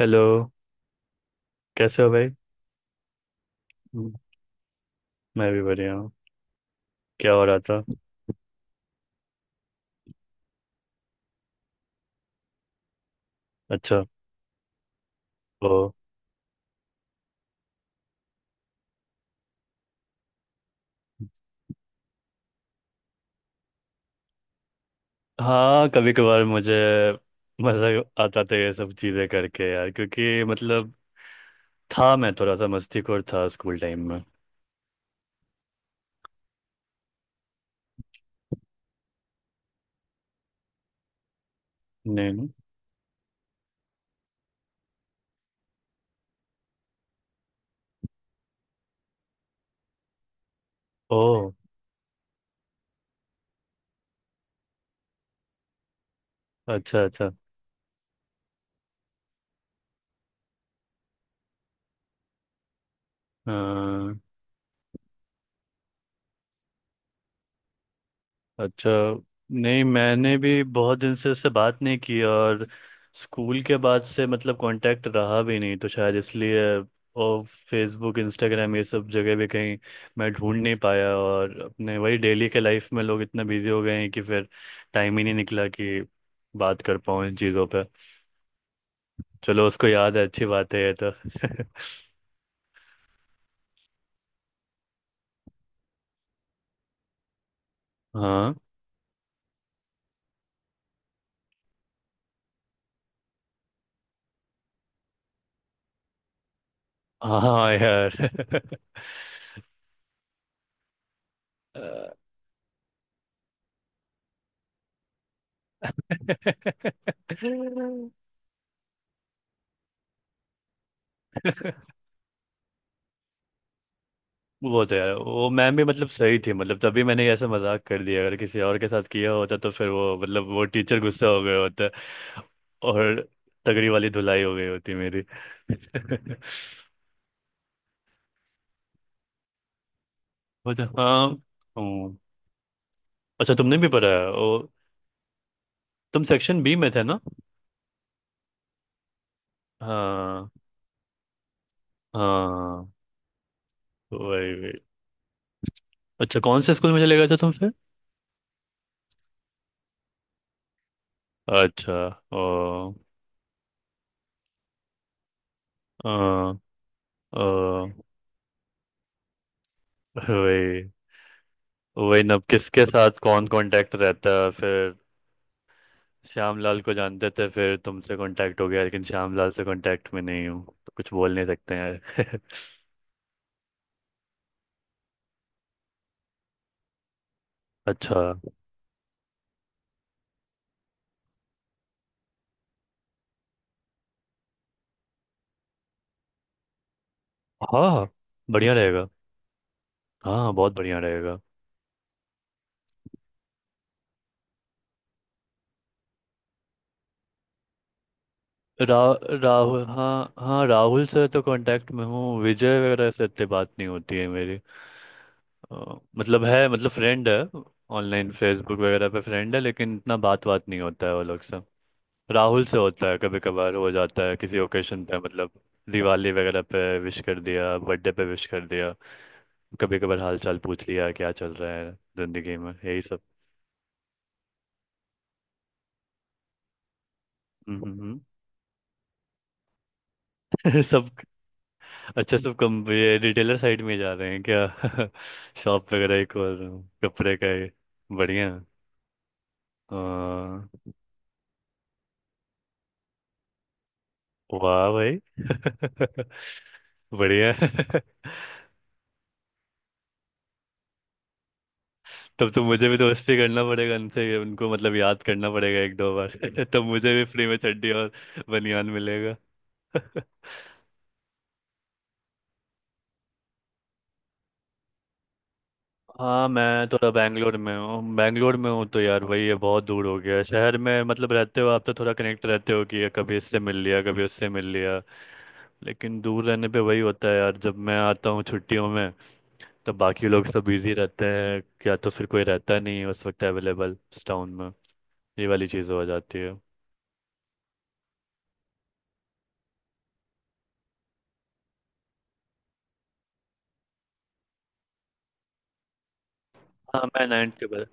Hello. कैसे हो भाई? हम्म, मैं भी बढ़िया हूँ। क्या हो रहा था? अच्छा। ओ। हाँ, कभी कभार मुझे मज़ा आता था ये सब चीज़ें करके यार, क्योंकि मतलब था मैं थोड़ा सा मस्तीखोर था स्कूल टाइम में। नहीं नहीं। ओ अच्छा। अच्छा अच्छा। नहीं, मैंने भी बहुत दिन से उससे बात नहीं की, और स्कूल के बाद से मतलब कांटेक्ट रहा भी नहीं, तो शायद इसलिए। और फेसबुक इंस्टाग्राम ये सब जगह भी कहीं मैं ढूंढ नहीं पाया, और अपने वही डेली के लाइफ में लोग इतना बिजी हो गए हैं कि फिर टाइम ही नहीं निकला कि बात कर पाऊँ इन चीज़ों पे। चलो, उसको याद है, अच्छी बात है ये तो। हाँ। हाँ यार। वो तो यार वो मैम भी मतलब सही थी, मतलब तभी मैंने ऐसा मजाक कर दिया, अगर किसी और के साथ किया होता तो फिर वो मतलब वो टीचर गुस्सा हो गया होता और तगड़ी वाली धुलाई हो गई होती मेरी। वो तो हाँ। हम्म। अच्छा, तुमने भी पढ़ा है? ओ, तुम सेक्शन बी में थे ना? हाँ हाँ। वही वही। अच्छा, कौन से स्कूल में चले गए थे तुम फिर? अच्छा। ओ। ओ। ओ वही। वही ना, अब किसके साथ कौन कांटेक्ट रहता है फिर? श्यामलाल को जानते थे, फिर तुमसे कांटेक्ट हो गया, लेकिन श्यामलाल से कांटेक्ट में नहीं हूँ तो कुछ बोल नहीं सकते हैं। अच्छा। हाँ बढ़िया रहेगा। हाँ बहुत बढ़िया रहेगा। रा, राहुल। हाँ हाँ, राहुल से तो कांटेक्ट में हूँ, विजय वगैरह से इतनी बात नहीं होती है मेरी। मतलब है, मतलब फ्रेंड है। ऑनलाइन फेसबुक वगैरह पे फ्रेंड है, लेकिन इतना बात बात नहीं होता है वो लोग से। राहुल से होता है, कभी कभार हो जाता है किसी ओकेशन पे मतलब। दिवाली वगैरह पे विश कर दिया, बर्थडे पे विश कर दिया, कभी कभार हाल चाल पूछ लिया, क्या चल रहा है जिंदगी में, यही सब। हम्म। सब। अच्छा, सब कम ये रिटेलर साइड में जा रहे हैं क्या? शॉप वगैरह ही खोल रहे हूँ कपड़े का ही। बढ़िया। हाँ। वाह भाई। बढ़िया। तब तो मुझे भी दोस्ती करना पड़ेगा उनसे, उनको मतलब याद करना पड़ेगा एक दो बार। तब मुझे भी फ्री में चड्डी और बनियान मिलेगा। हाँ मैं तो थोड़ा बैंगलोर में हूँ, बैंगलोर में हूँ तो यार वही है बहुत दूर हो गया है। शहर में मतलब रहते हो आप तो थोड़ा कनेक्ट रहते हो कि कभी इससे मिल लिया कभी उससे मिल लिया, लेकिन दूर रहने पे वही होता है यार जब मैं आता हूँ छुट्टियों में तब बाकी लोग सब बिजी रहते हैं या तो फिर कोई रहता नहीं है उस वक्त अवेलेबल टाउन में। ये वाली चीज़ हो जाती है। हाँ मैं नाइन्थ के बाद,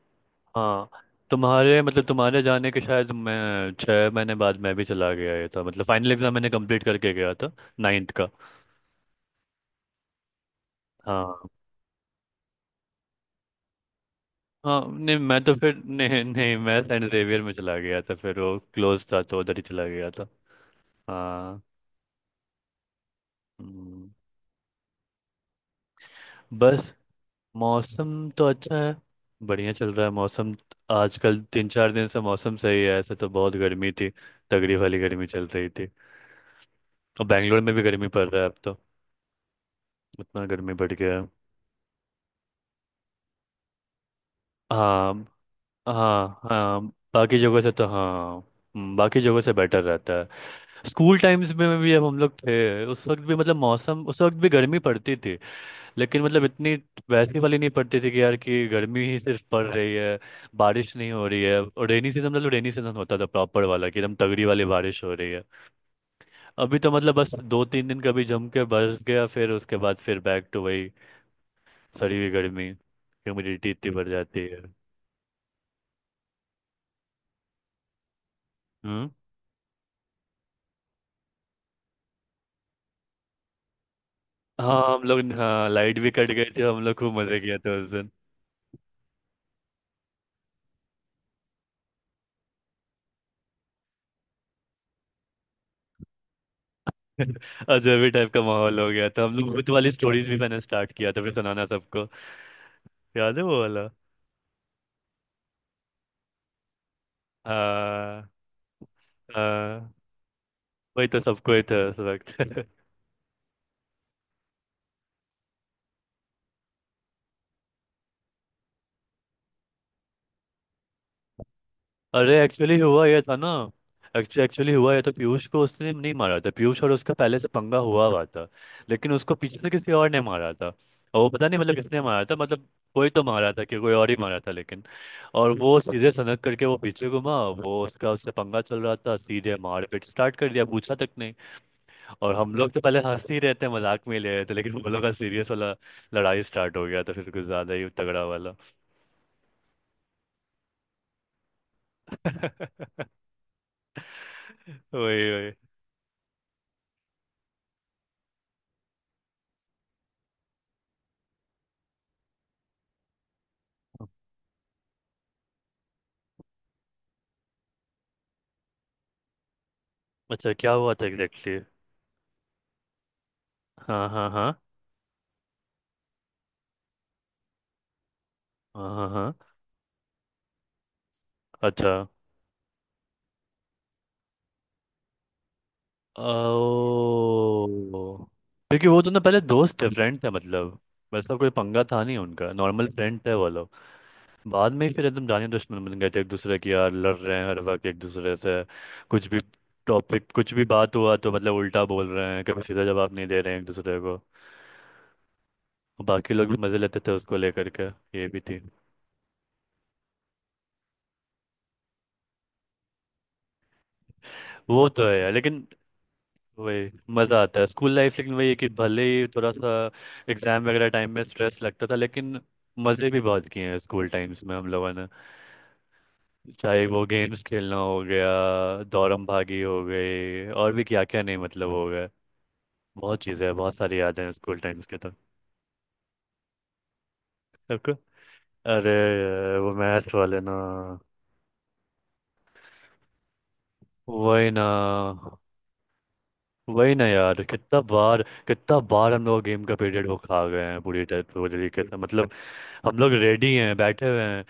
हाँ, तुम्हारे मतलब तुम्हारे जाने के शायद मैं 6 महीने बाद मैं भी चला गया, ये था मतलब फाइनल एग्ज़ाम मैंने कंप्लीट करके गया था नाइन्थ का। हाँ। हाँ नहीं मैं तो फिर नहीं नहीं मैं सेंट जेवियर में चला गया था, फिर वो क्लोज था तो उधर ही चला गया था। हाँ। हम्म, बस मौसम तो अच्छा है, बढ़िया चल रहा है मौसम, आजकल 3-4 दिन से मौसम सही है, ऐसे तो बहुत गर्मी थी, तगड़ी वाली गर्मी चल रही थी, और बैंगलोर में भी गर्मी पड़ रहा है अब तो, इतना गर्मी बढ़ गया है। हाँ हाँ। हाँ बाकी जगह से तो हाँ। बाकी जगह से बेटर रहता है। स्कूल टाइम्स में भी हम लोग थे, उस वक्त भी मतलब मौसम उस वक्त भी गर्मी पड़ती थी लेकिन मतलब इतनी वैसी वाली नहीं पड़ती थी कि यार, कि गर्मी ही सिर्फ पड़ रही है, बारिश नहीं हो रही है। और रेनी सीजन मतलब रेनी सीजन होता था प्रॉपर वाला, कि एकदम तगड़ी वाली बारिश हो रही है। अभी तो मतलब बस 2-3 दिन कभी जम के बरस गया, फिर उसके बाद फिर बैक टू वही सड़ी हुई गर्मी, ह्यूमिडिटी इतनी बढ़ जाती है। हम्म। हाँ हम लोग, हाँ, लाइट भी कट गई थी, हम लोग खूब मजे किया था उस दिन। अजब टाइप का माहौल हो गया था, हम लोग भूत वाली स्टोरीज भी मैंने स्टार्ट किया था फिर सुनाना सबको, याद है वो वाला? हाँ हाँ, वही तो सबको ही था उस वक्त। अरे एक्चुअली हुआ ये था ना, एक्चुअली हुआ ये तो पीयूष को उसने नहीं मारा था, पीयूष और उसका पहले से पंगा हुआ हुआ था, लेकिन उसको पीछे से किसी और ने मारा था और वो पता नहीं मतलब किसने मारा था, मतलब कोई तो मारा था कि कोई और ही मारा था लेकिन, और वो सीधे सनक करके वो पीछे घुमा, वो उसका उससे पंगा चल रहा था, सीधे मारपीट स्टार्ट कर दिया पूछा तक नहीं। और हम लोग तो पहले हंस ही रहते मजाक में ही ले रहे थे, लेकिन वो लोग का सीरियस वाला लड़ाई स्टार्ट हो गया था फिर कुछ ज्यादा ही तगड़ा वाला। वही वही। अच्छा, क्या हुआ था एग्जैक्टली? हाँ हाँ हाँ हाँ हाँ हाँ। अच्छा। ओ, क्योंकि वो तो ना पहले दोस्त थे, फ्रेंड थे मतलब, वैसा कोई पंगा था नहीं उनका, नॉर्मल फ्रेंड थे वो लोग। बाद में ही फिर एकदम जाने दुश्मन बन गए थे एक दूसरे की, यार लड़ रहे हैं हर वक्त एक दूसरे से, कुछ भी टॉपिक कुछ भी बात हुआ तो मतलब उल्टा बोल रहे हैं, कभी सीधा जवाब नहीं दे रहे हैं एक दूसरे को। बाकी लोग भी मजे लेते थे उसको लेकर के, ये भी थी। वो तो है यार, लेकिन वही मज़ा आता है स्कूल लाइफ, लेकिन वही है कि भले ही थोड़ा सा एग्जाम वगैरह टाइम में स्ट्रेस लगता था, लेकिन मज़े भी बहुत किए हैं स्कूल टाइम्स में हम लोगों ने। चाहे वो गेम्स खेलना हो गया, दौड़म भागी हो गई, और भी क्या क्या नहीं मतलब हो गया, बहुत चीज़ें हैं, बहुत सारी यादें हैं स्कूल टाइम्स के तो। आपको। अरे वो मैथ वाले ना। वही ना। वही ना यार, कितना बार, कितना बार हम लोग गेम का पीरियड वो खा गए हैं पूरी टाइप पूरी तरीके से मतलब, हम लोग रेडी हैं बैठे हुए हैं,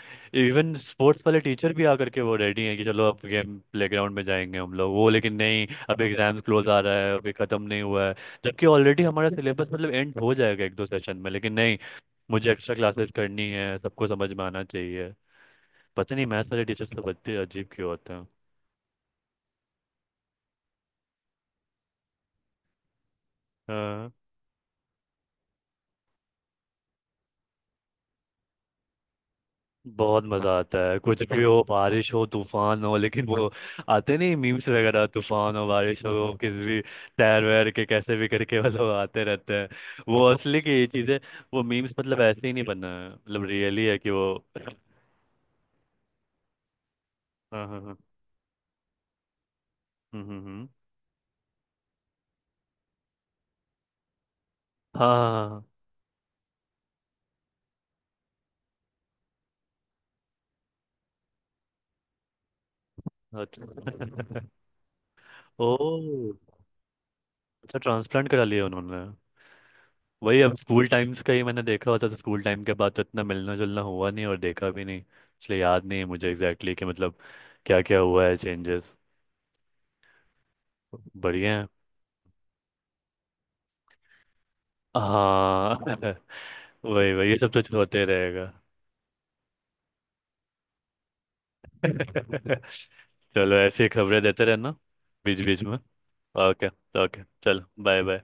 इवन स्पोर्ट्स वाले टीचर भी आकर के वो रेडी हैं कि चलो अब गेम प्लेग्राउंड में जाएंगे हम लोग वो, लेकिन नहीं, अब एग्जाम्स क्लोज आ रहा है, अभी ख़त्म नहीं हुआ है, जबकि ऑलरेडी हमारा सिलेबस मतलब एंड हो जाएगा एक दो सेशन में, लेकिन नहीं, मुझे एक्स्ट्रा क्लासेस करनी है, सबको समझ में आना चाहिए। पता नहीं मैथ्स वाले टीचर्स तो बच्चे अजीब क्यों होते हैं। बहुत मजा आता है, कुछ भी हो, बारिश हो तूफान हो लेकिन वो आते नहीं। मीम्स वगैरह तूफान हो बारिश हो किस भी तैर वैर के कैसे भी करके वो लोग आते रहते हैं, वो असली की ये चीजें, वो मीम्स मतलब ऐसे ही नहीं बना है, मतलब रियली है कि वो। हाँ हाँ हाँ। हम्म हम्म हम्म। हाँ हाँ। हाँ, अच्छा। ओ, अच्छा, ट्रांसप्लांट करा लिया उन्होंने। वही, अब स्कूल टाइम्स का ही मैंने देखा होता तो स्कूल टाइम के बाद तो इतना मिलना जुलना हुआ नहीं और देखा भी नहीं, इसलिए याद नहीं है मुझे एग्जैक्टली exactly कि मतलब क्या क्या हुआ है चेंजेस। बढ़िया है। हाँ। वही वही ये सब तो होते रहेगा। चलो ऐसी खबरें देते रहना बीच बीच में। ओके। ओके चलो, बाय बाय।